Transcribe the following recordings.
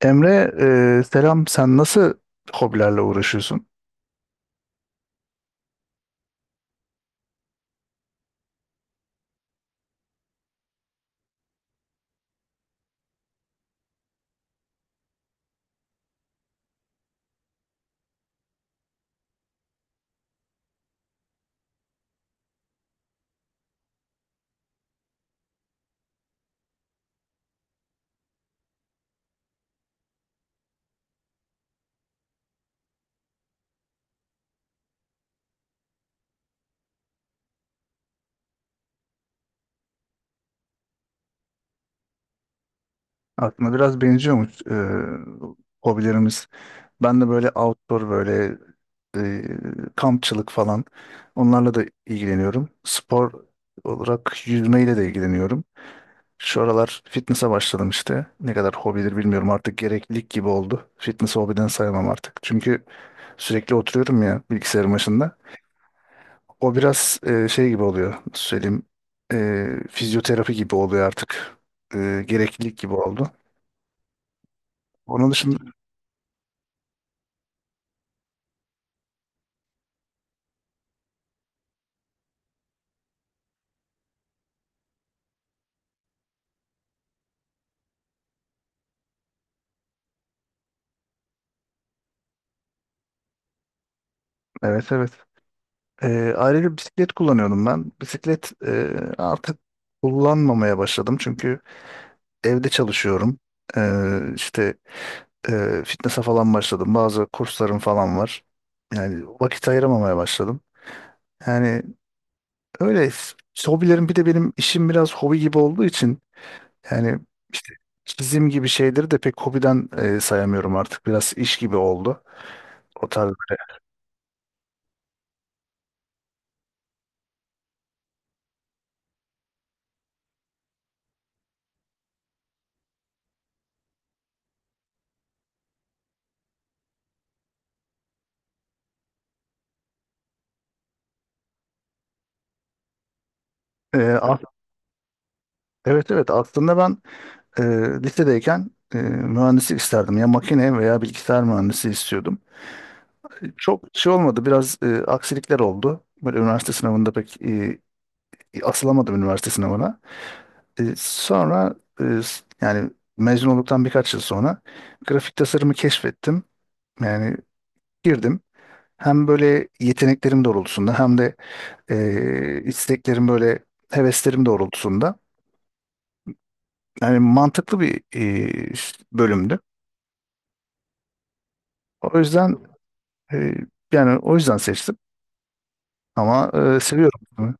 Emre, selam. Sen nasıl hobilerle uğraşıyorsun? Aklına biraz benziyormuş hobilerimiz. Ben de böyle outdoor böyle e, kampçılık falan. Onlarla da ilgileniyorum. Spor olarak yüzmeyle de ilgileniyorum. Şu aralar fitness'a başladım işte. Ne kadar hobidir bilmiyorum, artık gereklilik gibi oldu. Fitness hobiden sayamam artık. Çünkü sürekli oturuyorum ya bilgisayarın başında. O biraz şey gibi oluyor. Nasıl söyleyeyim? Fizyoterapi gibi oluyor artık. Gereklilik gibi oldu. Onun dışında evet, evet. Ayrıca bisiklet kullanıyordum ben. Bisiklet artık kullanmamaya başladım. Çünkü evde çalışıyorum. E, işte fitness'a falan başladım. Bazı kurslarım falan var. Yani vakit ayıramamaya başladım. Yani öyle hobilerim, bir de benim işim biraz hobi gibi olduğu için. Yani işte çizim gibi şeyleri de pek hobiden sayamıyorum artık. Biraz iş gibi oldu. O tarz böyle. E, a- evet, evet, aslında ben e, lisedeyken mühendislik isterdim. Ya makine veya bilgisayar mühendisi istiyordum. Çok şey olmadı. Biraz aksilikler oldu. Böyle üniversite sınavında pek asılamadım üniversite sınavına. Sonra yani mezun olduktan birkaç yıl sonra grafik tasarımı keşfettim. Yani girdim. Hem böyle yeteneklerim doğrultusunda hem de isteklerim böyle heveslerim doğrultusunda. Yani mantıklı bir bölümdü. O yüzden e, yani o yüzden seçtim, ama seviyorum bunu.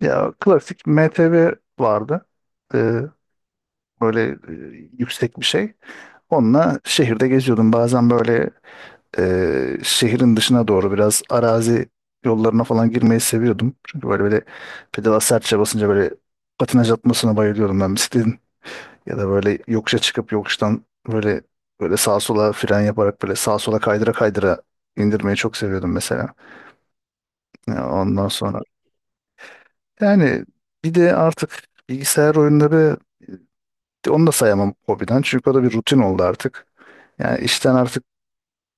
Ya klasik MTV vardı. E, Böyle yüksek bir şey. Onunla şehirde geziyordum. Bazen böyle şehrin dışına doğru biraz arazi yollarına falan girmeyi seviyordum. Çünkü böyle pedala sertçe basınca böyle patinaj atmasına bayılıyordum ben bisikletin. Ya da böyle yokuşa çıkıp yokuştan böyle sağa sola fren yaparak böyle sağa sola kaydıra kaydıra indirmeyi çok seviyordum mesela. Ya ondan sonra yani bir de artık bilgisayar oyunları onu da sayamam hobiden, çünkü o da bir rutin oldu artık. Yani işten artık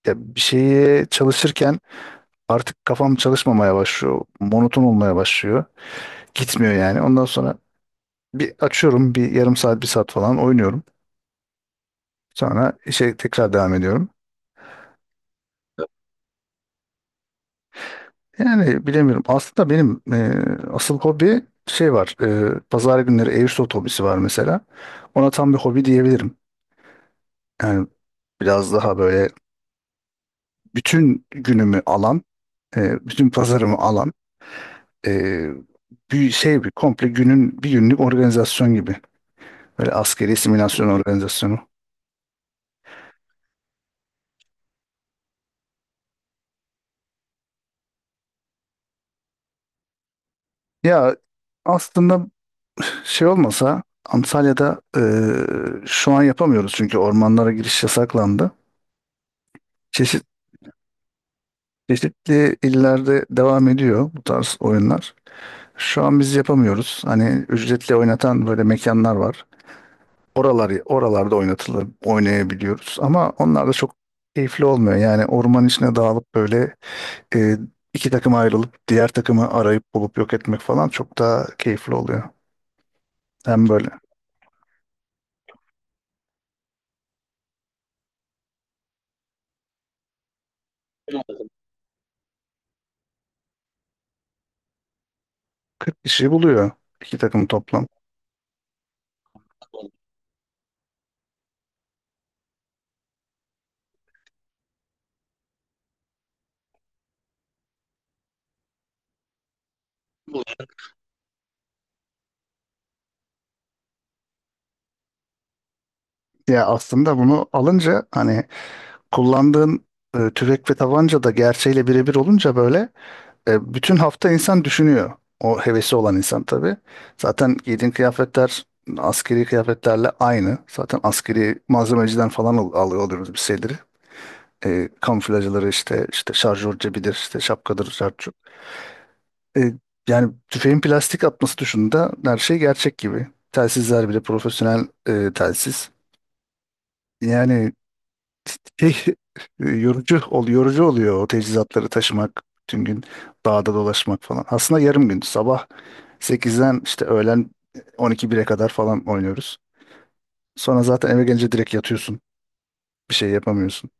ya bir şeye çalışırken artık kafam çalışmamaya başlıyor. Monoton olmaya başlıyor. Gitmiyor yani. Ondan sonra bir açıyorum, bir yarım saat bir saat falan oynuyorum. Sonra işe tekrar devam ediyorum. Yani bilemiyorum. Aslında benim asıl hobi şey var. Pazar günleri Airsoft hobisi var mesela. Ona tam bir hobi diyebilirim. Yani biraz daha böyle bütün günümü alan, bütün pazarımı alan, e, bir şey, bir komple günün bir günlük organizasyon gibi. Böyle askeri simülasyon organizasyonu. Ya aslında şey olmasa Antalya'da şu an yapamıyoruz, çünkü ormanlara giriş yasaklandı. Çeşitli Çeşitli illerde devam ediyor bu tarz oyunlar. Şu an biz yapamıyoruz. Hani ücretli oynatan böyle mekanlar var. Oralarda oynatılır, oynayabiliyoruz. Ama onlar da çok keyifli olmuyor. Yani orman içine dağılıp böyle e, iki takıma ayrılıp diğer takımı arayıp bulup yok etmek falan çok daha keyifli oluyor. Hem böyle 40 kişi buluyor, iki takım toplam. Ya aslında bunu alınca hani kullandığın tüfek ve tabanca da gerçeğiyle birebir olunca böyle. Bütün hafta insan düşünüyor. O hevesi olan insan tabii. Zaten giydiğin kıyafetler askeri kıyafetlerle aynı. Zaten askeri malzemeciden falan alıyor oluyoruz bir şeyleri. Kamuflajları işte şarjör cebidir, işte şapkadır, şarjör. E, Yani tüfeğin plastik atması dışında her şey gerçek gibi. Telsizler bile profesyonel telsiz. Yani şey, yorucu oluyor o teçhizatları taşımak, bütün gün dağda dolaşmak falan. Aslında yarım gün. Sabah 8'den işte öğlen 12 1'e kadar falan oynuyoruz. Sonra zaten eve gelince direkt yatıyorsun. Bir şey yapamıyorsun.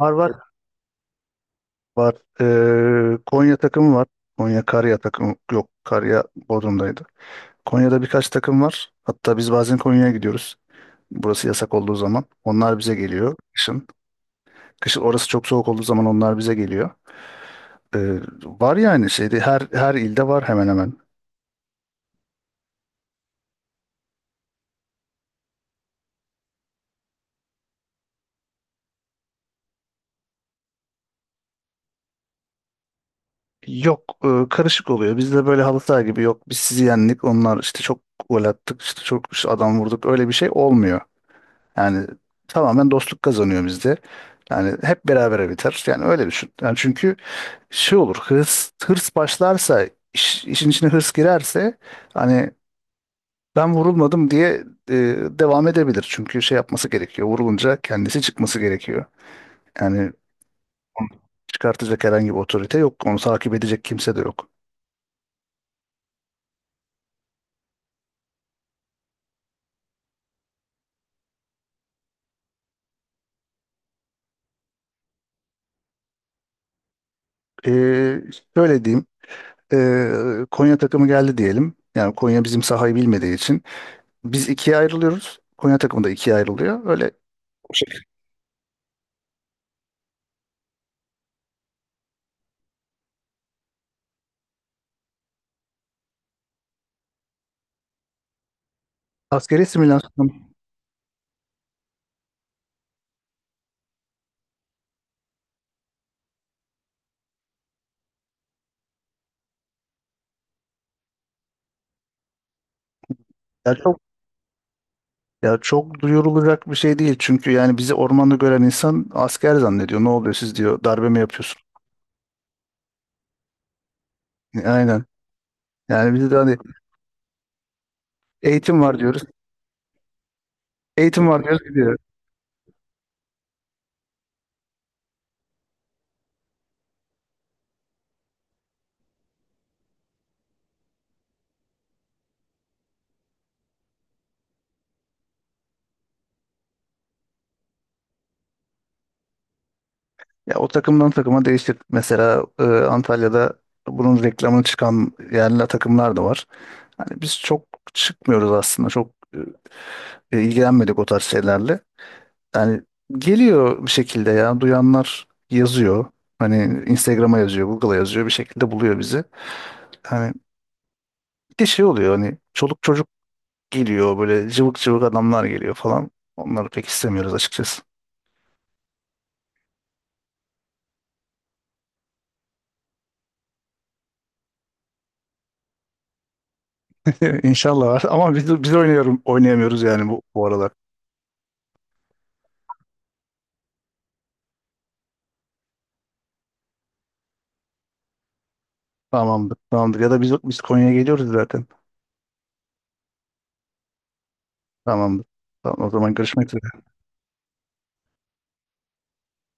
Var, var. Var. Konya takımı var. Konya Karya takımı yok. Karya Bodrum'daydı. Konya'da birkaç takım var. Hatta biz bazen Konya'ya gidiyoruz. Burası yasak olduğu zaman. Onlar bize geliyor kışın. Kışın orası çok soğuk olduğu zaman onlar bize geliyor. Var yani şeyde her ilde var hemen hemen. Yok, karışık oluyor. Bizde böyle halı saha gibi yok. Biz sizi yendik. Onlar işte çok gol attık. İşte çok işte adam vurduk. Öyle bir şey olmuyor. Yani tamamen dostluk kazanıyor bizde. Yani hep berabere biter. Yani öyle düşün. Yani çünkü şey olur. Hırs hırs başlarsa işin içine hırs girerse hani ben vurulmadım diye e, devam edebilir. Çünkü şey yapması gerekiyor. Vurulunca kendisi çıkması gerekiyor. Yani çıkartacak herhangi bir otorite yok. Onu takip edecek kimse de yok. Ee, Şöyle diyeyim. Konya takımı geldi diyelim. Yani Konya bizim sahayı bilmediği için. Biz ikiye ayrılıyoruz. Konya takımı da ikiye ayrılıyor. Öyle askeri simülasyon. Ya çok, ya çok duyurulacak bir şey değil. Çünkü yani bizi ormanda gören insan asker zannediyor. Ne oluyor siz diyor. Darbe mi yapıyorsun? Aynen. Yani bizi de hani eğitim var diyoruz. Eğitim var diyoruz. Ya o takımdan takıma değişir. Mesela Antalya'da bunun reklamını çıkan yerli takımlar da var. Hani biz çok çıkmıyoruz aslında. Çok ilgilenmedik o tarz şeylerle. Yani geliyor bir şekilde, ya duyanlar yazıyor. Hani Instagram'a yazıyor, Google'a yazıyor, bir şekilde buluyor bizi. Hani de şey oluyor hani çoluk çocuk geliyor, böyle cıvık cıvık adamlar geliyor falan. Onları pek istemiyoruz açıkçası. İnşallah var ama biz oynayamıyoruz yani bu aralar. Tamamdır, tamamdır. Ya da biz Konya'ya geliyoruz zaten. Tamamdır. Tamam, o zaman görüşmek üzere.